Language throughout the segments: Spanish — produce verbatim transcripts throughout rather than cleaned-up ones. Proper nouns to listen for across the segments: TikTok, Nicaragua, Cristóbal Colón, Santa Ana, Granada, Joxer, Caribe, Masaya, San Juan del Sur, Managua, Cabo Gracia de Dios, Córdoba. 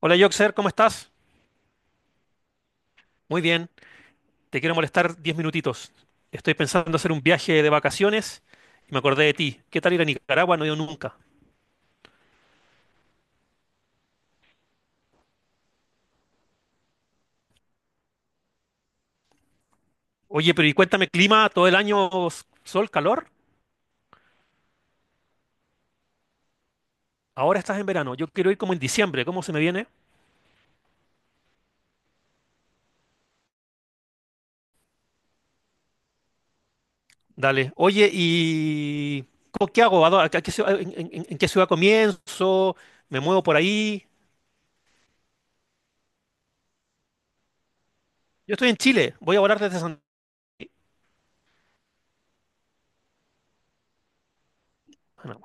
Hola Joxer, ¿cómo estás? Muy bien, te quiero molestar diez minutitos. Estoy pensando hacer un viaje de vacaciones y me acordé de ti. ¿Qué tal ir a Nicaragua? No he ido nunca. Oye, pero y cuéntame, clima todo el año, s- sol, calor. Ahora estás en verano, yo quiero ir como en diciembre, ¿cómo se me viene? Dale. Oye, ¿y cómo- qué hago? ¿A dó- a qué ciudad- en, en- en- en qué ciudad comienzo? ¿Me muevo por ahí? Yo estoy en Chile, voy a volar desde Santa Ana,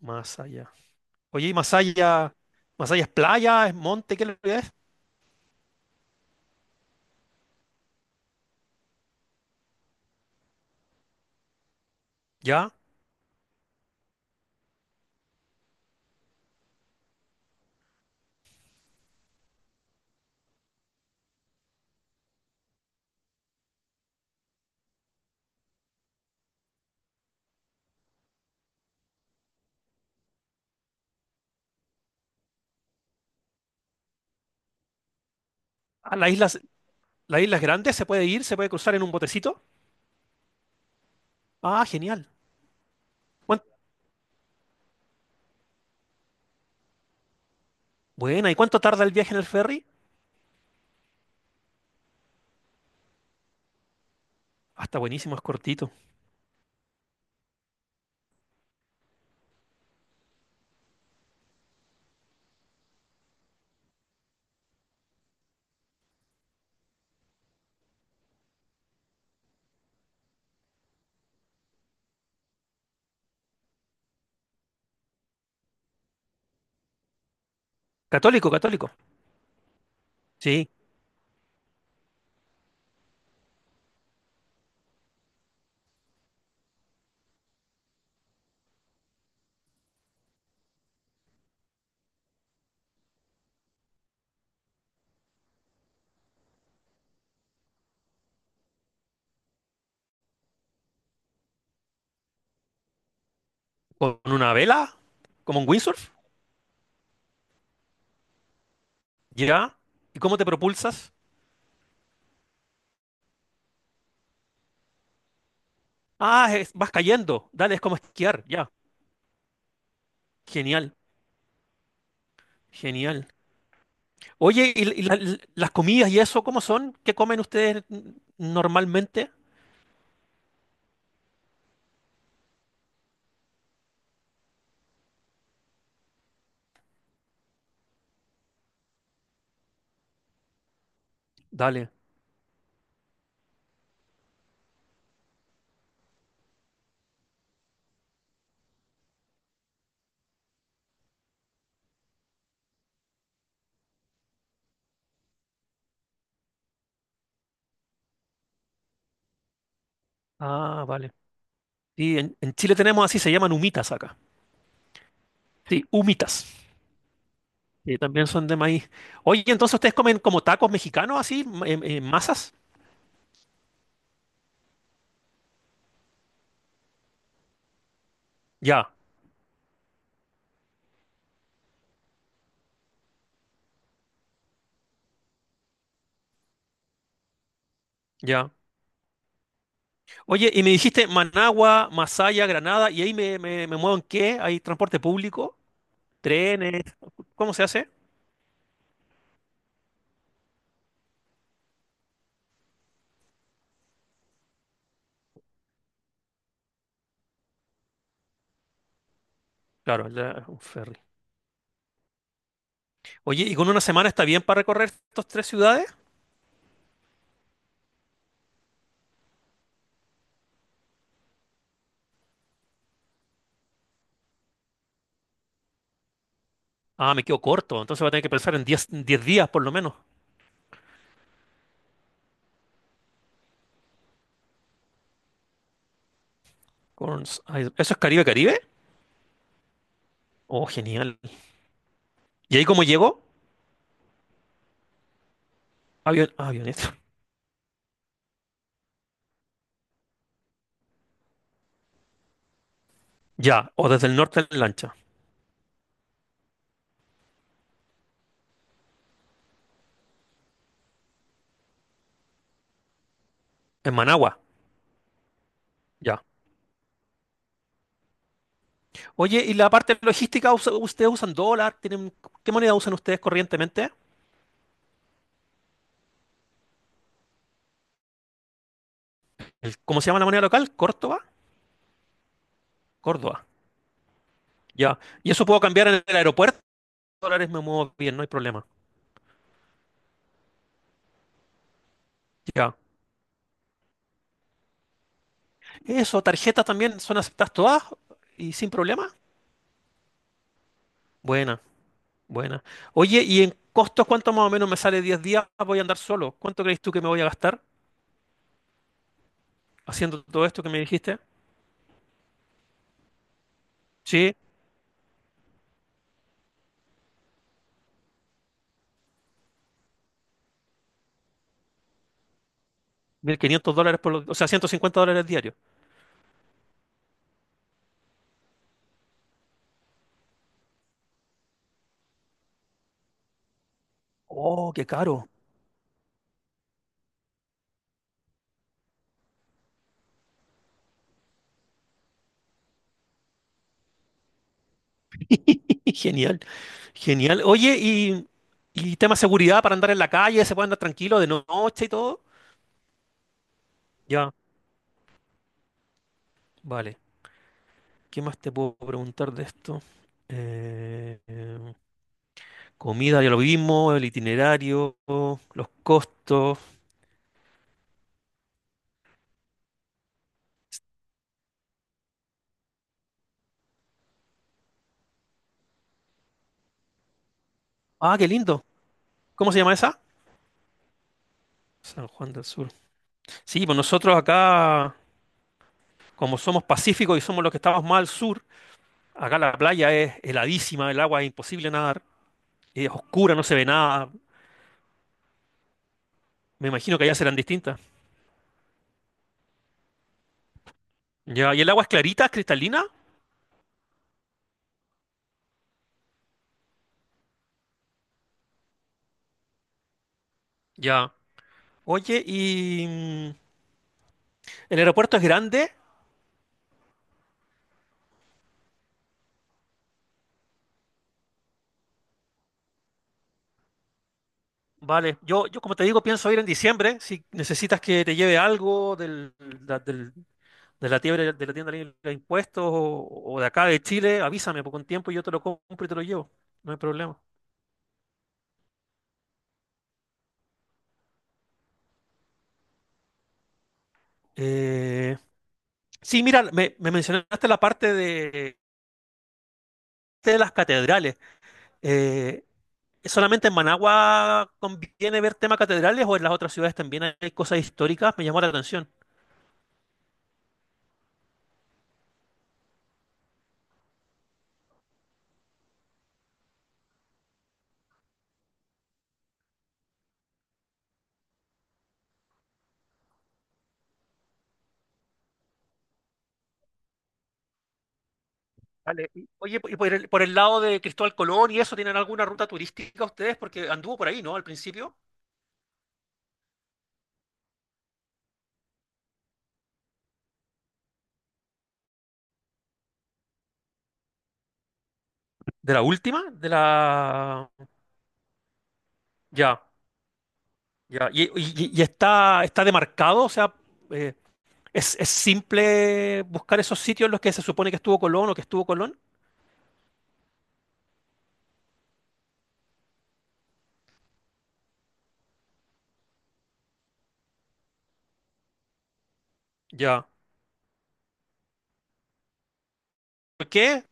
más allá. Oye, ¿y Masaya? ¿Masaya es playa? ¿Es monte? ¿Qué es? ¿Lo que es? ¿Ya? Ah, las islas, las islas grandes se puede ir, se puede cruzar en un botecito. Ah, genial. Cuán- Buena, ¿y cuánto tarda el viaje en el ferry? Ah, está buenísimo, es cortito. Católico, católico. Sí. ¿Con una vela? ¿Como un windsurf? Ya. ¿Y cómo te propulsas? Ah, es- vas cayendo. Dale, es como esquiar. Ya. Genial, genial. Oye, ¿y, y la- las comidas y eso, cómo son? ¿Qué comen ustedes n- normalmente? Dale. Ah, vale. Sí, en, en Chile tenemos así, se llaman humitas acá. Sí, humitas. Y también son de maíz. Oye, entonces ustedes comen como tacos mexicanos así, ma- en- en masas. Ya, ya. Oye, y me dijiste Managua, Masaya, Granada, y ahí me, me, me muevo en qué? ¿Hay transporte público? ¿Trenes? ¿Cómo se hace? Claro, la- un ferry. Oye, ¿y con una semana está bien para recorrer estas tres ciudades? Ah, me quedo corto, entonces voy a tener que pensar en diez 10 días por lo menos. Con- ay, ¿Eso es Caribe, Caribe? Oh, genial. ¿Y ahí cómo llego? Avión, avioneta. Ya, o desde el norte en lancha. En Managua. Ya. Oye, ¿y la parte logística, usa- ustedes usan dólar? ¿Tienen, qué moneda usan ustedes corrientemente? El- ¿cómo se llama la moneda local? ¿Córdoba? Córdoba. Ya. Y eso puedo cambiar en el aeropuerto. Dólares me muevo bien, no hay problema. Ya. Eso, tarjetas también son aceptadas todas y sin problema. Buena, buena. Oye, ¿y en costos cuánto más o menos me sale diez días? Voy a andar solo. ¿Cuánto crees tú que me voy a gastar haciendo todo esto que me dijiste? Sí, mil quinientos dólares por los, o sea, ciento cincuenta dólares diarios. Oh, qué caro. Genial. Genial. Oye, y, y tema seguridad para andar en la calle, se puede andar tranquilo de noche y todo. Ya, vale. ¿Qué más te puedo preguntar de esto? Eh, em, comida, ya lo vimos, el itinerario, los costos. Ah, qué lindo. ¿Cómo se llama esa? San Juan del Sur. Sí, pues nosotros acá, como somos pacíficos y somos los que estamos más al sur, acá la playa es heladísima, el agua es imposible nadar, es oscura, no se ve nada. Me imagino que allá serán distintas. Ya, ¿y el agua es clarita, es cristalina? Ya. Oye, ¿y mm, el aeropuerto es grande? Vale, yo, yo como te digo, pienso ir en diciembre. Si necesitas que te lleve algo del, la- del- de la tienda de la tienda libre de impuestos o, o de acá de Chile, avísame por con tiempo y yo te lo compro y te lo llevo. No hay problema. Eh, sí, mira, me, me mencionaste la parte de, de las catedrales. Eh, ¿Solamente en Managua conviene ver temas catedrales o en las otras ciudades también hay cosas históricas? Me llamó la atención. Vale. y- Oye, y por el, por el lado de Cristóbal Colón y eso, ¿tienen alguna ruta turística ustedes? Porque anduvo por ahí, ¿no? Al principio. ¿De la última? De la... Ya, ya. ¿Y, y- y está, está demarcado? O sea, eh, ¿es, es simple buscar esos sitios en los que se supone que estuvo Colón o que estuvo Colón? Ya. ¿Por qué?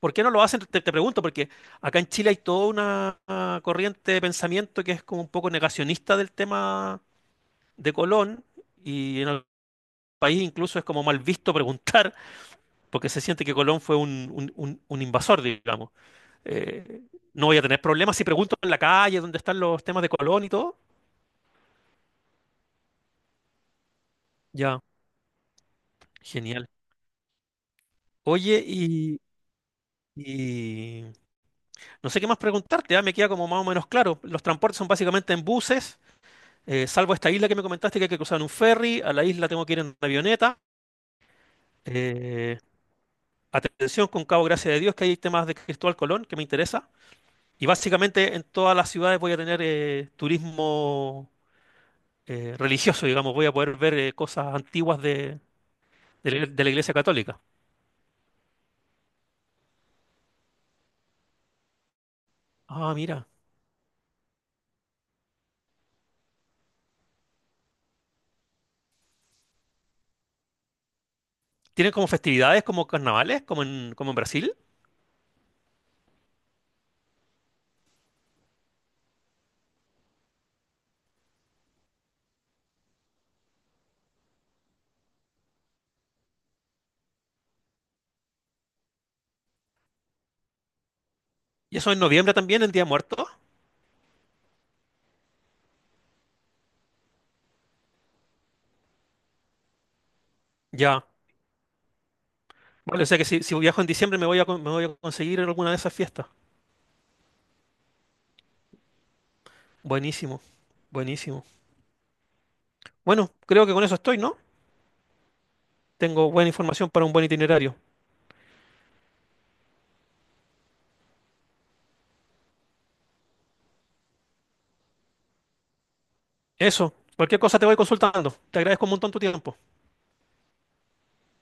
¿Por qué no lo hacen? Te, te pregunto, porque acá en Chile hay toda una ah, corriente de pensamiento que es como un poco negacionista del tema de Colón y en el país incluso es como mal visto preguntar porque se siente que Colón fue un, un- un- un invasor, digamos. Eh, no voy a tener problemas si pregunto en la calle dónde están los temas de Colón y todo. Ya, genial. Oye, y, y no sé qué más preguntarte, ya me queda como más o menos claro. Los transportes son básicamente en buses. Eh, salvo esta isla que me comentaste que hay que cruzar en un ferry, a la isla tengo que ir en avioneta. Eh, atención con Cabo Gracia de Dios, que hay temas de Cristóbal Colón que me interesa. Y básicamente en todas las ciudades voy a tener eh, turismo eh, religioso, digamos, voy a poder ver eh, cosas antiguas de, de la de la Iglesia Católica. Ah, mira. ¿Tienen como festividades, como carnavales, como en, como en Brasil? ¿Y eso en noviembre también, en Día Muerto? Ya. Vale, o sea que si, si viajo en diciembre me voy a, con- me voy a conseguir en alguna de esas fiestas. Buenísimo, buenísimo. Bueno, creo que con eso estoy, ¿no? Tengo buena información para un buen itinerario. Eso, cualquier cosa te voy consultando. Te agradezco un montón tu tiempo.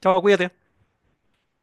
Chao, cuídate.